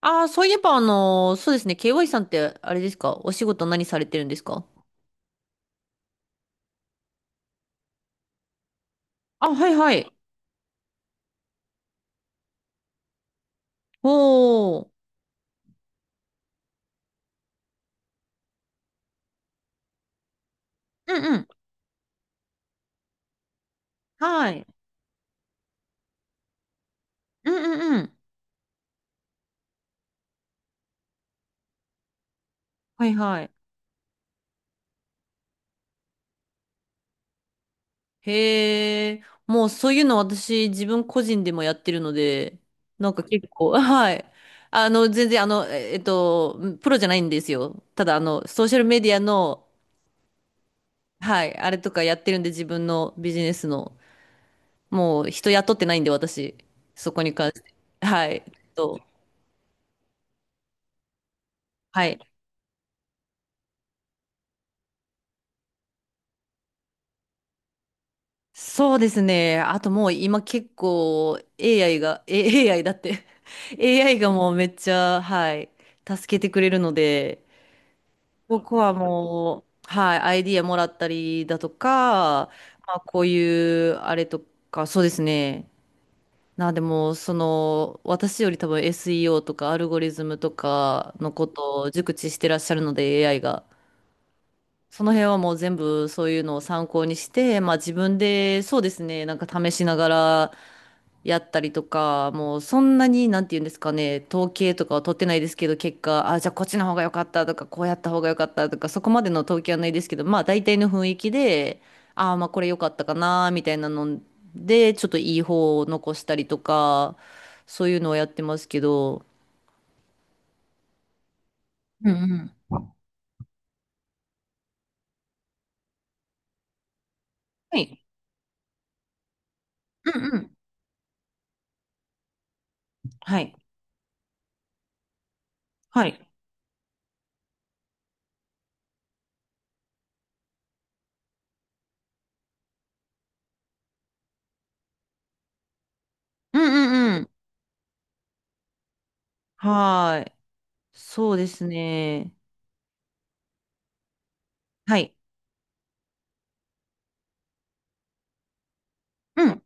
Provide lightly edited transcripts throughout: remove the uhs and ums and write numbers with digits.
ああ、そういえば、そうですね。KY さんって、あれですか？お仕事何されてるんですか？あ、はいはい。おー。うんうん。はい。うんうんうん。はいはい。へえ。もうそういうの私、自分個人でもやってるので、なんか結構、はい。全然、プロじゃないんですよ。ただ、ソーシャルメディアの、はい、あれとかやってるんで、自分のビジネスの。もう、人雇ってないんで、私。そこに関して。はい。はい。そうですね。あともう今結構 AI が、AI だって AI がもうめっちゃ、はい、助けてくれるので、僕はもう、はい、アイディアもらったりだとか、まあこういうあれとか、そうですね。なんでも、その、私より多分 SEO とかアルゴリズムとかのことを熟知してらっしゃるので AI が。その辺はもう全部そういうのを参考にして、まあ自分でそうですね、なんか試しながらやったりとか、もうそんなになんて言うんですかね、統計とかは取ってないですけど、結果、あ、じゃあこっちの方が良かったとか、こうやった方が良かったとか、そこまでの統計はないですけど、まあ大体の雰囲気で、ああ、まあこれ良かったかな、みたいなので、ちょっといい方を残したりとか、そういうのをやってますけど、うんうん。はい。うんうん。はい。はい。うんうんうん。はーい。そうですね。はい。うん。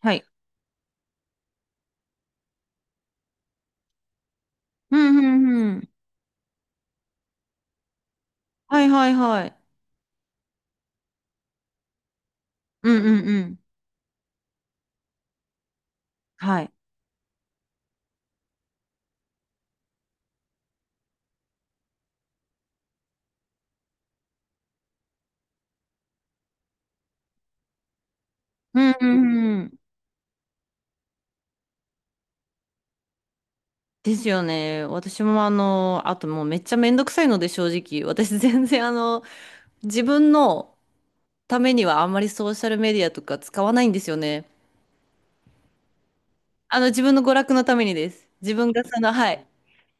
はい。うん、うん、うん。はいはいはい。うん、うん、うん。はい。うん、うん、うん。ですよね。私もあの、あともうめっちゃめんどくさいので正直、私 全然あの、自分のためにはあんまりソーシャルメディアとか使わないんですよね。自分の娯楽のためにです。自分がその、はい。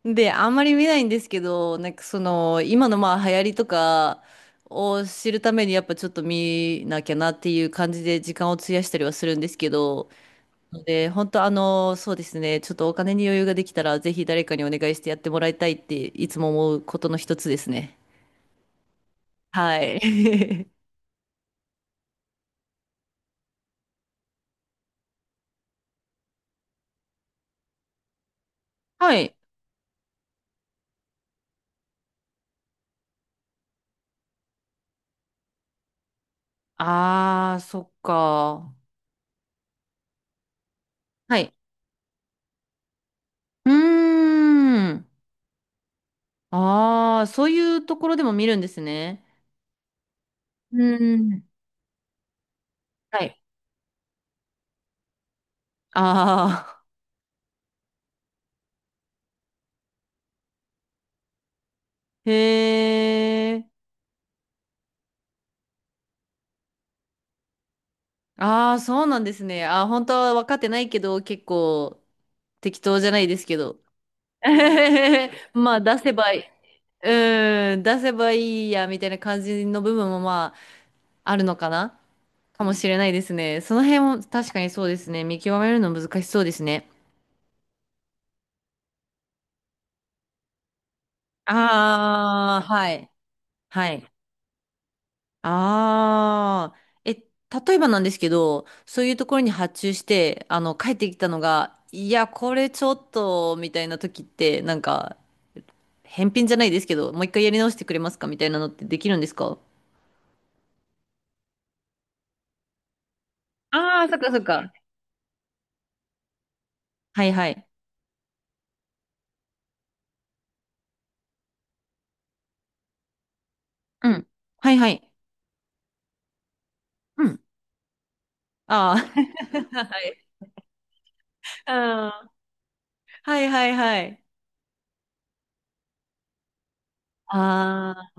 で、あんまり見ないんですけど、なんかその、今のまあ流行りとかを知るためにやっぱちょっと見なきゃなっていう感じで時間を費やしたりはするんですけど、ので、本当あの、そうですね、ちょっとお金に余裕ができたらぜひ誰かにお願いしてやってもらいたいっていつも思うことの一つですね。はい。はい。ああ、そっか。はい。うーん。ああ、そういうところでも見るんですね。うーん。はい。ああ。へえ。ああ、そうなんですね。あー、本当は分かってないけど、結構適当じゃないですけど。まあ、出せばいい。うん、出せばいいや、みたいな感じの部分もまあ、あるのかなかもしれないですね。その辺も確かにそうですね。見極めるの難しそうですね。ああ、はい。はい。ああ、例えばなんですけど、そういうところに発注して、あの、帰ってきたのが、いや、これちょっと、みたいな時って、なんか、返品じゃないですけど、もう一回やり直してくれますかみたいなのってできるんですか？ああ、そっかそっか。はいはい。うん。はいはい。うん。ああ。はい。ああはいはいはい。ああ。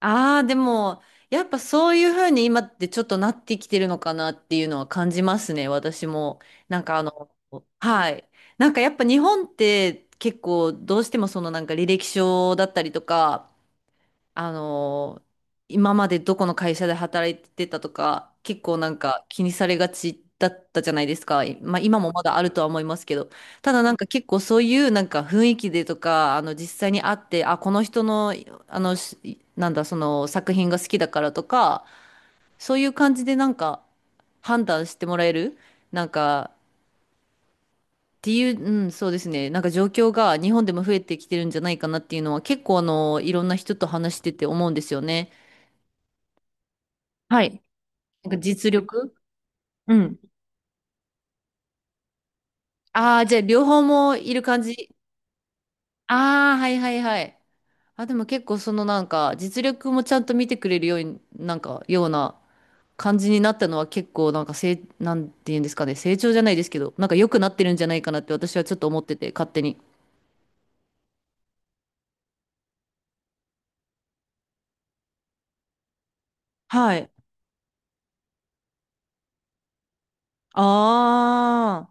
ああ、でも、やっぱそういうふうに今ってちょっとなってきてるのかなっていうのは感じますね、私も。なんかあの、はい。なんかやっぱ日本って結構どうしてもそのなんか履歴書だったりとか、あのー今までどこの会社で働いてたとか、結構なんか気にされがちだったじゃないですか。まあ今もまだあるとは思いますけど、ただなんか結構そういうなんか雰囲気でとか、あの実際に会って、あ、この人の、しなんだ、その作品が好きだからとか、そういう感じでなんか判断してもらえる、なんか、っていう、うん、そうですね。なんか状況が日本でも増えてきてるんじゃないかなっていうのは結構あの、いろんな人と話してて思うんですよね。はい。なんか実力うん。ああ、じゃあ両方もいる感じ。ああ、はいはいはい。あ、でも結構そのなんか実力もちゃんと見てくれるように、なんかような感じになったのは結構なんかなんて言うんですかね、成長じゃないですけど、なんか良くなってるんじゃないかなって私はちょっと思ってて、勝手に。はい。あ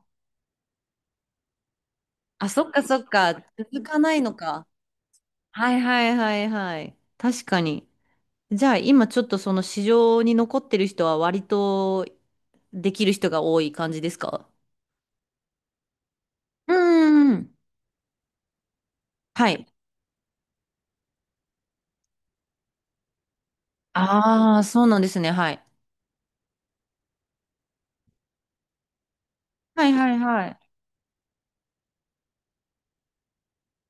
あ。あ、そっかそっか。続かないのか。はいはいはいはい。確かに。じゃあ今ちょっとその市場に残ってる人は割とできる人が多い感じですか？うーん。はい。ああ、そうなんですね。はい。はいはいはい。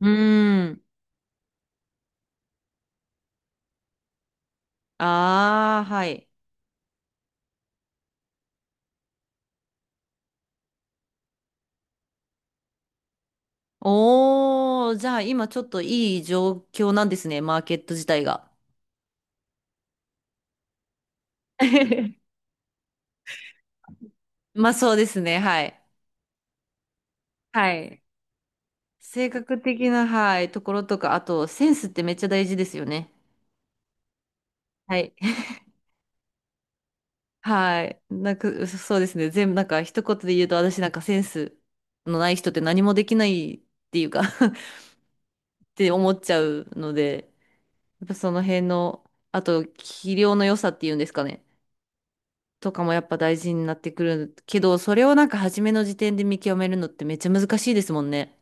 うーん。ああ、はい。おー、じゃあ今ちょっといい状況なんですね。マーケット自体が。まあそうですね。はい。はい。性格的な、はい、ところとか、あとセンスってめっちゃ大事ですよね。はい。はい。なんか、そうですね。全部、なんか、一言で言うと、私なんかセンスのない人って何もできないっていうか って思っちゃうので、やっぱその辺の、あと、器量の良さっていうんですかね、とかもやっぱ大事になってくるけど、それをなんか初めの時点で見極めるのってめっちゃ難しいですもんね。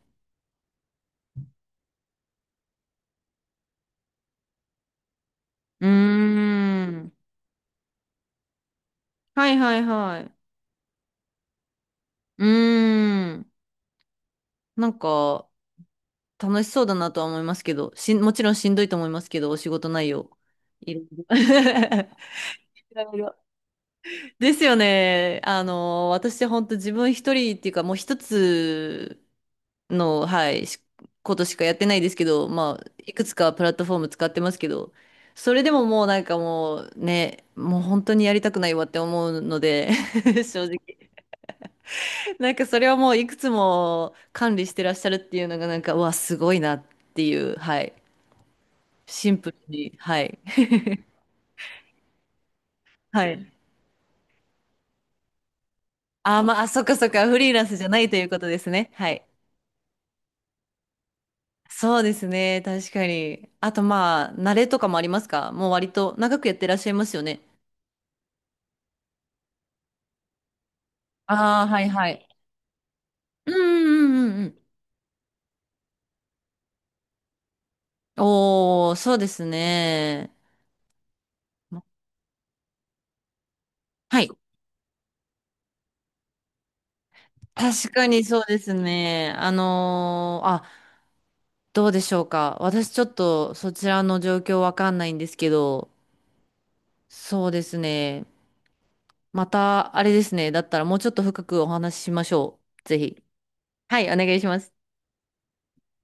うーん。はいはいはい。うーん。なんか、楽しそうだなとは思いますけど、もちろんしんどいと思いますけど、お仕事内容。いろいろ いろいろ ですよね。あの、私本当自分一人っていうか、もう一つの、はい、しことしかやってないですけど、まあ、いくつかプラットフォーム使ってますけど、それでももうなんかもうね、もう本当にやりたくないわって思うので、正直。なんかそれはもういくつも管理してらっしゃるっていうのがなんか、うわ、すごいなっていう、はい。シンプルに、はい。はい。あー、まあ、あそっかそっか、フリーランスじゃないということですね。はい。そうですね、確かに。あとまあ、慣れとかもありますか？もう割と長くやってらっしゃいますよね。ああ、はいはい。うんうんうんうん。おー、そうですね。まはい。確かにそうですね。あ、どうでしょうか。私ちょっとそちらの状況わかんないんですけど、そうですね。また、あれですね。だったらもうちょっと深くお話ししましょう。ぜひ。はい、お願いします。